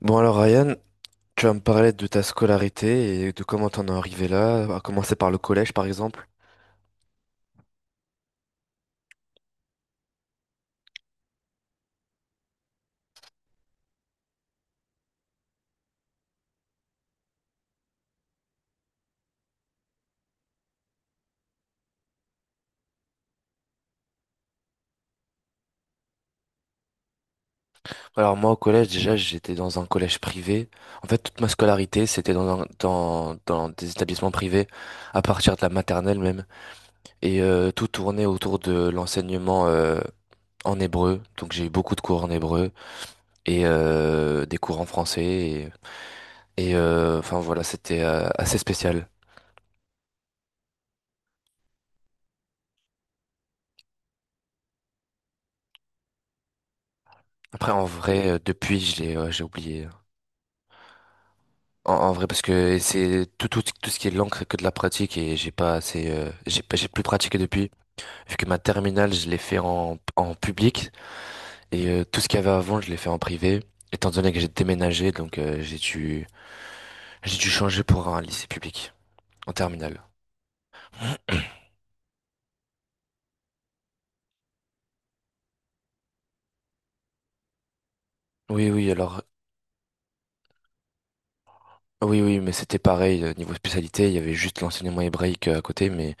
Bon alors Ryan, tu vas me parler de ta scolarité et de comment t'en es arrivé là, à commencer par le collège par exemple. Alors moi au collège déjà j'étais dans un collège privé. En fait toute ma scolarité c'était dans des établissements privés à partir de la maternelle même. Et tout tournait autour de l'enseignement en hébreu. Donc j'ai eu beaucoup de cours en hébreu. Et des cours en français. Et enfin voilà, c'était assez spécial. Après, en vrai, depuis, j'ai oublié. En vrai, parce que c'est tout ce qui est l'encre que de la pratique et j'ai pas assez, j'ai pas- j'ai plus pratiqué depuis. Vu que ma terminale, je l'ai fait en public et tout ce qu'il y avait avant, je l'ai fait en privé. Étant donné que j'ai déménagé, donc j'ai dû changer pour un lycée public en terminale. Oui, oui, alors, oui, oui, mais c'était pareil, niveau spécialité, il y avait juste l'enseignement hébraïque à côté, mais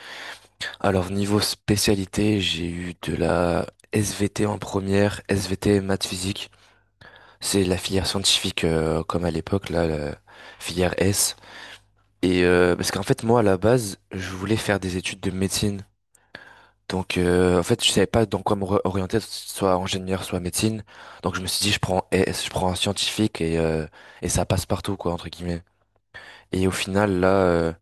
alors niveau spécialité, j'ai eu de la SVT en première, SVT maths physique. C'est la filière scientifique comme à l'époque là, la filière S. Et parce qu'en fait moi à la base, je voulais faire des études de médecine. Donc en fait, je savais pas dans quoi me orienter, soit ingénieur, soit médecine. Donc je me suis dit je prends S, je prends un scientifique et ça passe partout quoi entre guillemets. Et au final là,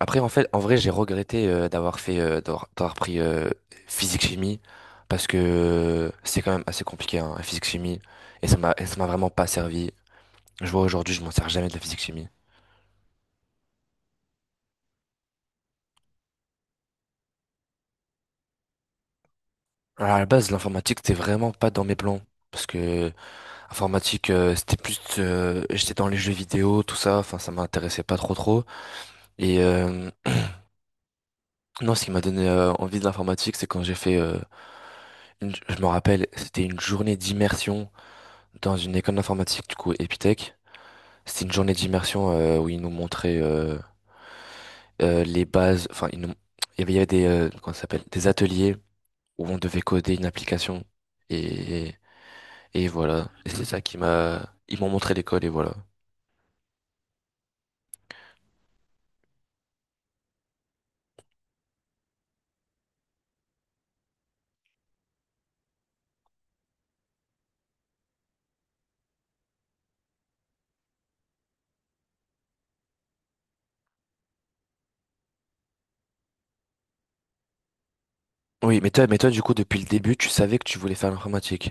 après, en fait, en vrai, j'ai regretté d'avoir fait, d'avoir pris physique-chimie parce que c'est quand même assez compliqué, hein, la physique-chimie, et ça m'a vraiment pas servi. Je vois aujourd'hui, je m'en sers jamais de la physique-chimie. Alors, à la base, l'informatique, c'était vraiment pas dans mes plans parce que informatique, c'était plus, j'étais dans les jeux vidéo, tout ça, enfin, ça m'intéressait pas trop trop. Et non, ce qui m'a donné envie de l'informatique, c'est quand j'ai fait, je me rappelle, c'était une journée d'immersion dans une école d'informatique, du coup, Epitech. C'était une journée d'immersion où ils nous montraient les bases. Enfin, il y avait des, comment ça s'appelle, des ateliers où on devait coder une application. Et, et voilà. Et c'est ça qui m'a. Ils m'ont montré l'école et voilà. Oui, mais toi, du coup, depuis le début, tu savais que tu voulais faire l'informatique.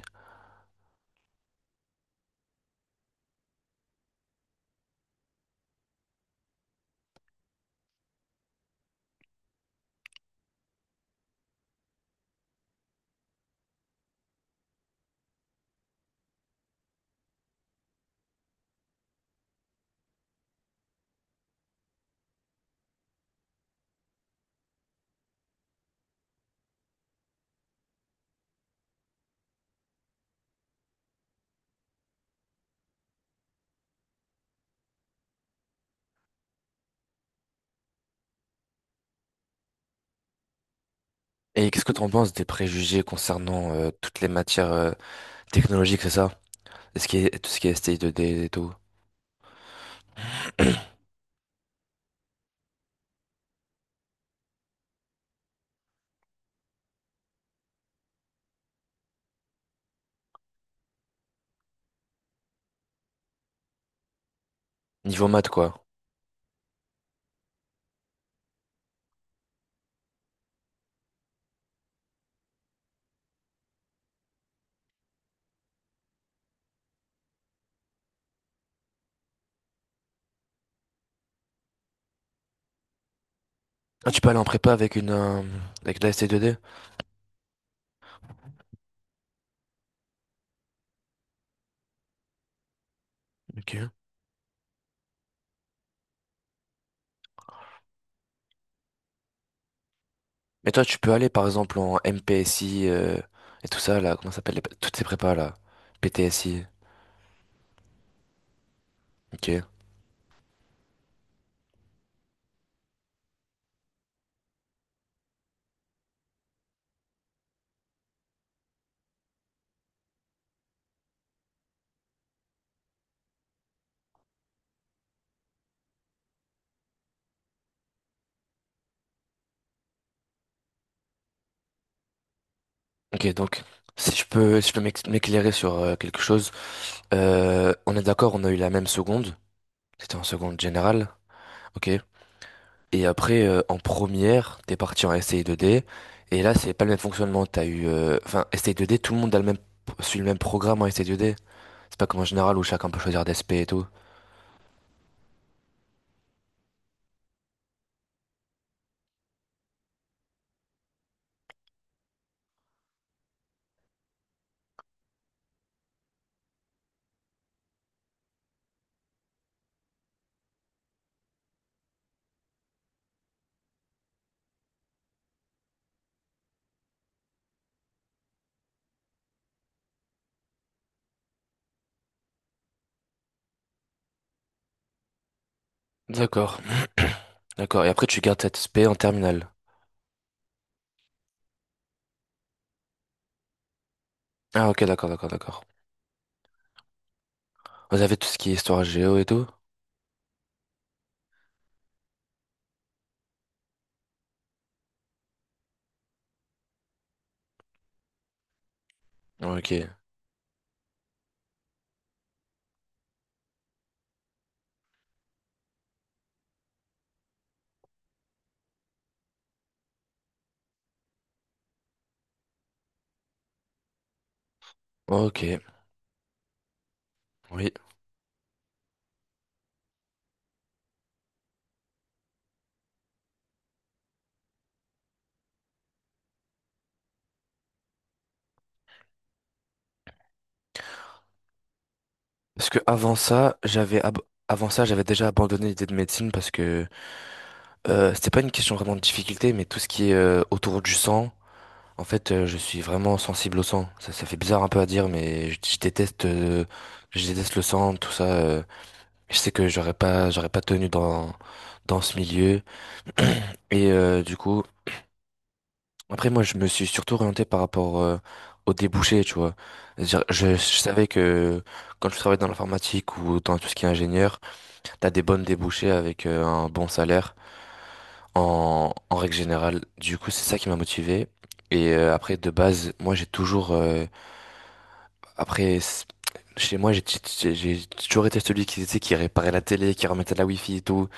Et qu'est-ce que tu en penses des préjugés concernant toutes les matières technologiques, c'est ça? Tout ce qui est STI2D et tout. Niveau maths, quoi. Ah, tu peux aller en prépa avec de la STI2D? Ok. Mais toi, tu peux aller par exemple en MPSI et tout ça là, comment ça s'appelle toutes ces prépas là, PTSI. Ok. Ok, donc si je peux m'éclairer sur quelque chose, on est d'accord, on a eu la même seconde. C'était en seconde générale, ok. Et après en première, t'es parti en STI2D et là c'est pas le même fonctionnement. T'as eu, enfin STI2D, tout le monde a le même suit le même programme en STI2D. C'est pas comme en général où chacun peut choisir des SP et tout. D'accord, d'accord. Et après tu gardes cette SP en terminale. Ah ok, d'accord, d'accord, d'accord. Vous avez tout ce qui est histoire géo et tout? Ok, ok, oui. Parce que avant ça, j'avais déjà abandonné l'idée de médecine parce que c'était pas une question vraiment de difficulté, mais tout ce qui est autour du sang, en fait, je suis vraiment sensible au sang. Ça fait bizarre un peu à dire, mais je déteste le sang, tout ça. Je sais que j'aurais pas tenu dans ce milieu et du coup. Après, moi, je me suis surtout orienté par rapport aux débouchés, tu vois. C'est-à-dire, je savais que quand tu travailles dans l'informatique ou dans tout ce qui est ingénieur, t'as des bonnes débouchés avec un bon salaire en règle générale. Du coup, c'est ça qui m'a motivé. Et après, de base, moi, j'ai toujours. Après, chez moi, j'ai toujours été celui qui, tu sais, qui réparait la télé, qui remettait la wifi et tout.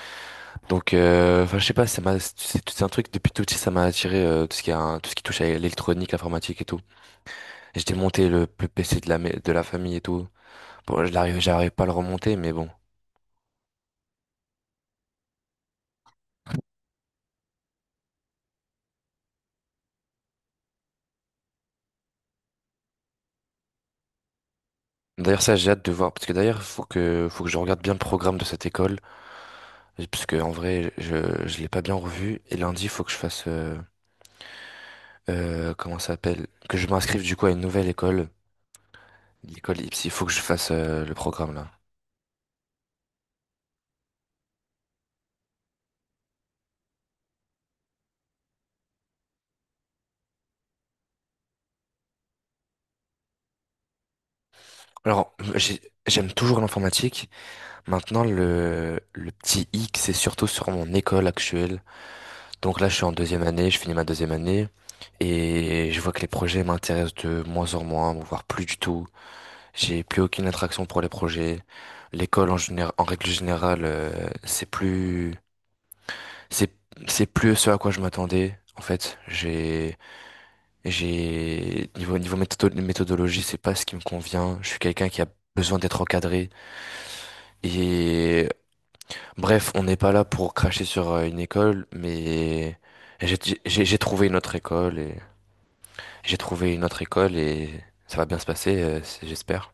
Donc, enfin, je sais pas, c'est un truc depuis tout petit, ça m'a attiré tout ce qui touche à l'électronique, l'informatique et tout. Et j'ai démonté le PC de la famille et tout. Bon, j'arrive pas à le remonter, mais bon. D'ailleurs, ça, j'ai hâte de voir, parce que d'ailleurs, faut que je regarde bien le programme de cette école, parce que en vrai, je l'ai pas bien revu. Et lundi, faut que je fasse, comment ça s'appelle, que je m'inscrive du coup à une nouvelle école, l'école Ipsy. Faut que je fasse le programme là. Alors, j'aime toujours l'informatique. Maintenant, le petit hic, c'est surtout sur mon école actuelle. Donc là, je suis en deuxième année, je finis ma deuxième année. Et je vois que les projets m'intéressent de moins en moins, voire plus du tout. J'ai plus aucune attraction pour les projets. L'école, en général, en règle générale, c'est, c'est plus ce à quoi je m'attendais. En fait, niveau méthodologie, c'est pas ce qui me convient. Je suis quelqu'un qui a besoin d'être encadré. Et bref, on n'est pas là pour cracher sur une école, mais j'ai j'ai trouvé une autre école et ça va bien se passer, j'espère.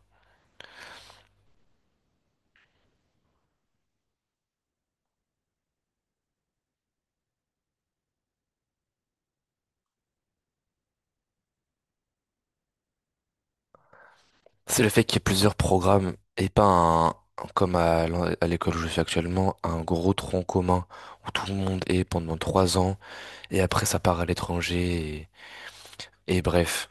C'est le fait qu'il y ait plusieurs programmes et pas un, comme à l'école où je suis actuellement, un gros tronc commun où tout le monde est pendant 3 ans et après ça part à l'étranger et bref.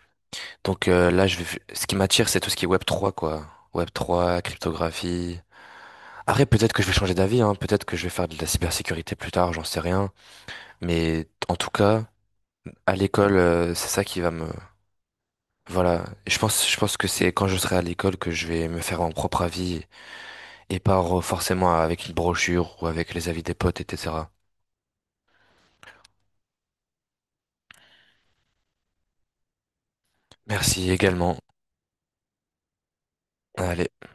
Donc là, ce qui m'attire, c'est tout ce qui est Web 3, quoi. Web 3, cryptographie. Après, peut-être que je vais changer d'avis, hein. Peut-être que je vais faire de la cybersécurité plus tard, j'en sais rien. Mais en tout cas, à l'école, c'est ça qui va me. Voilà, je pense que c'est quand je serai à l'école que je vais me faire mon propre avis et pas forcément avec une brochure ou avec les avis des potes, etc. Merci également. Allez.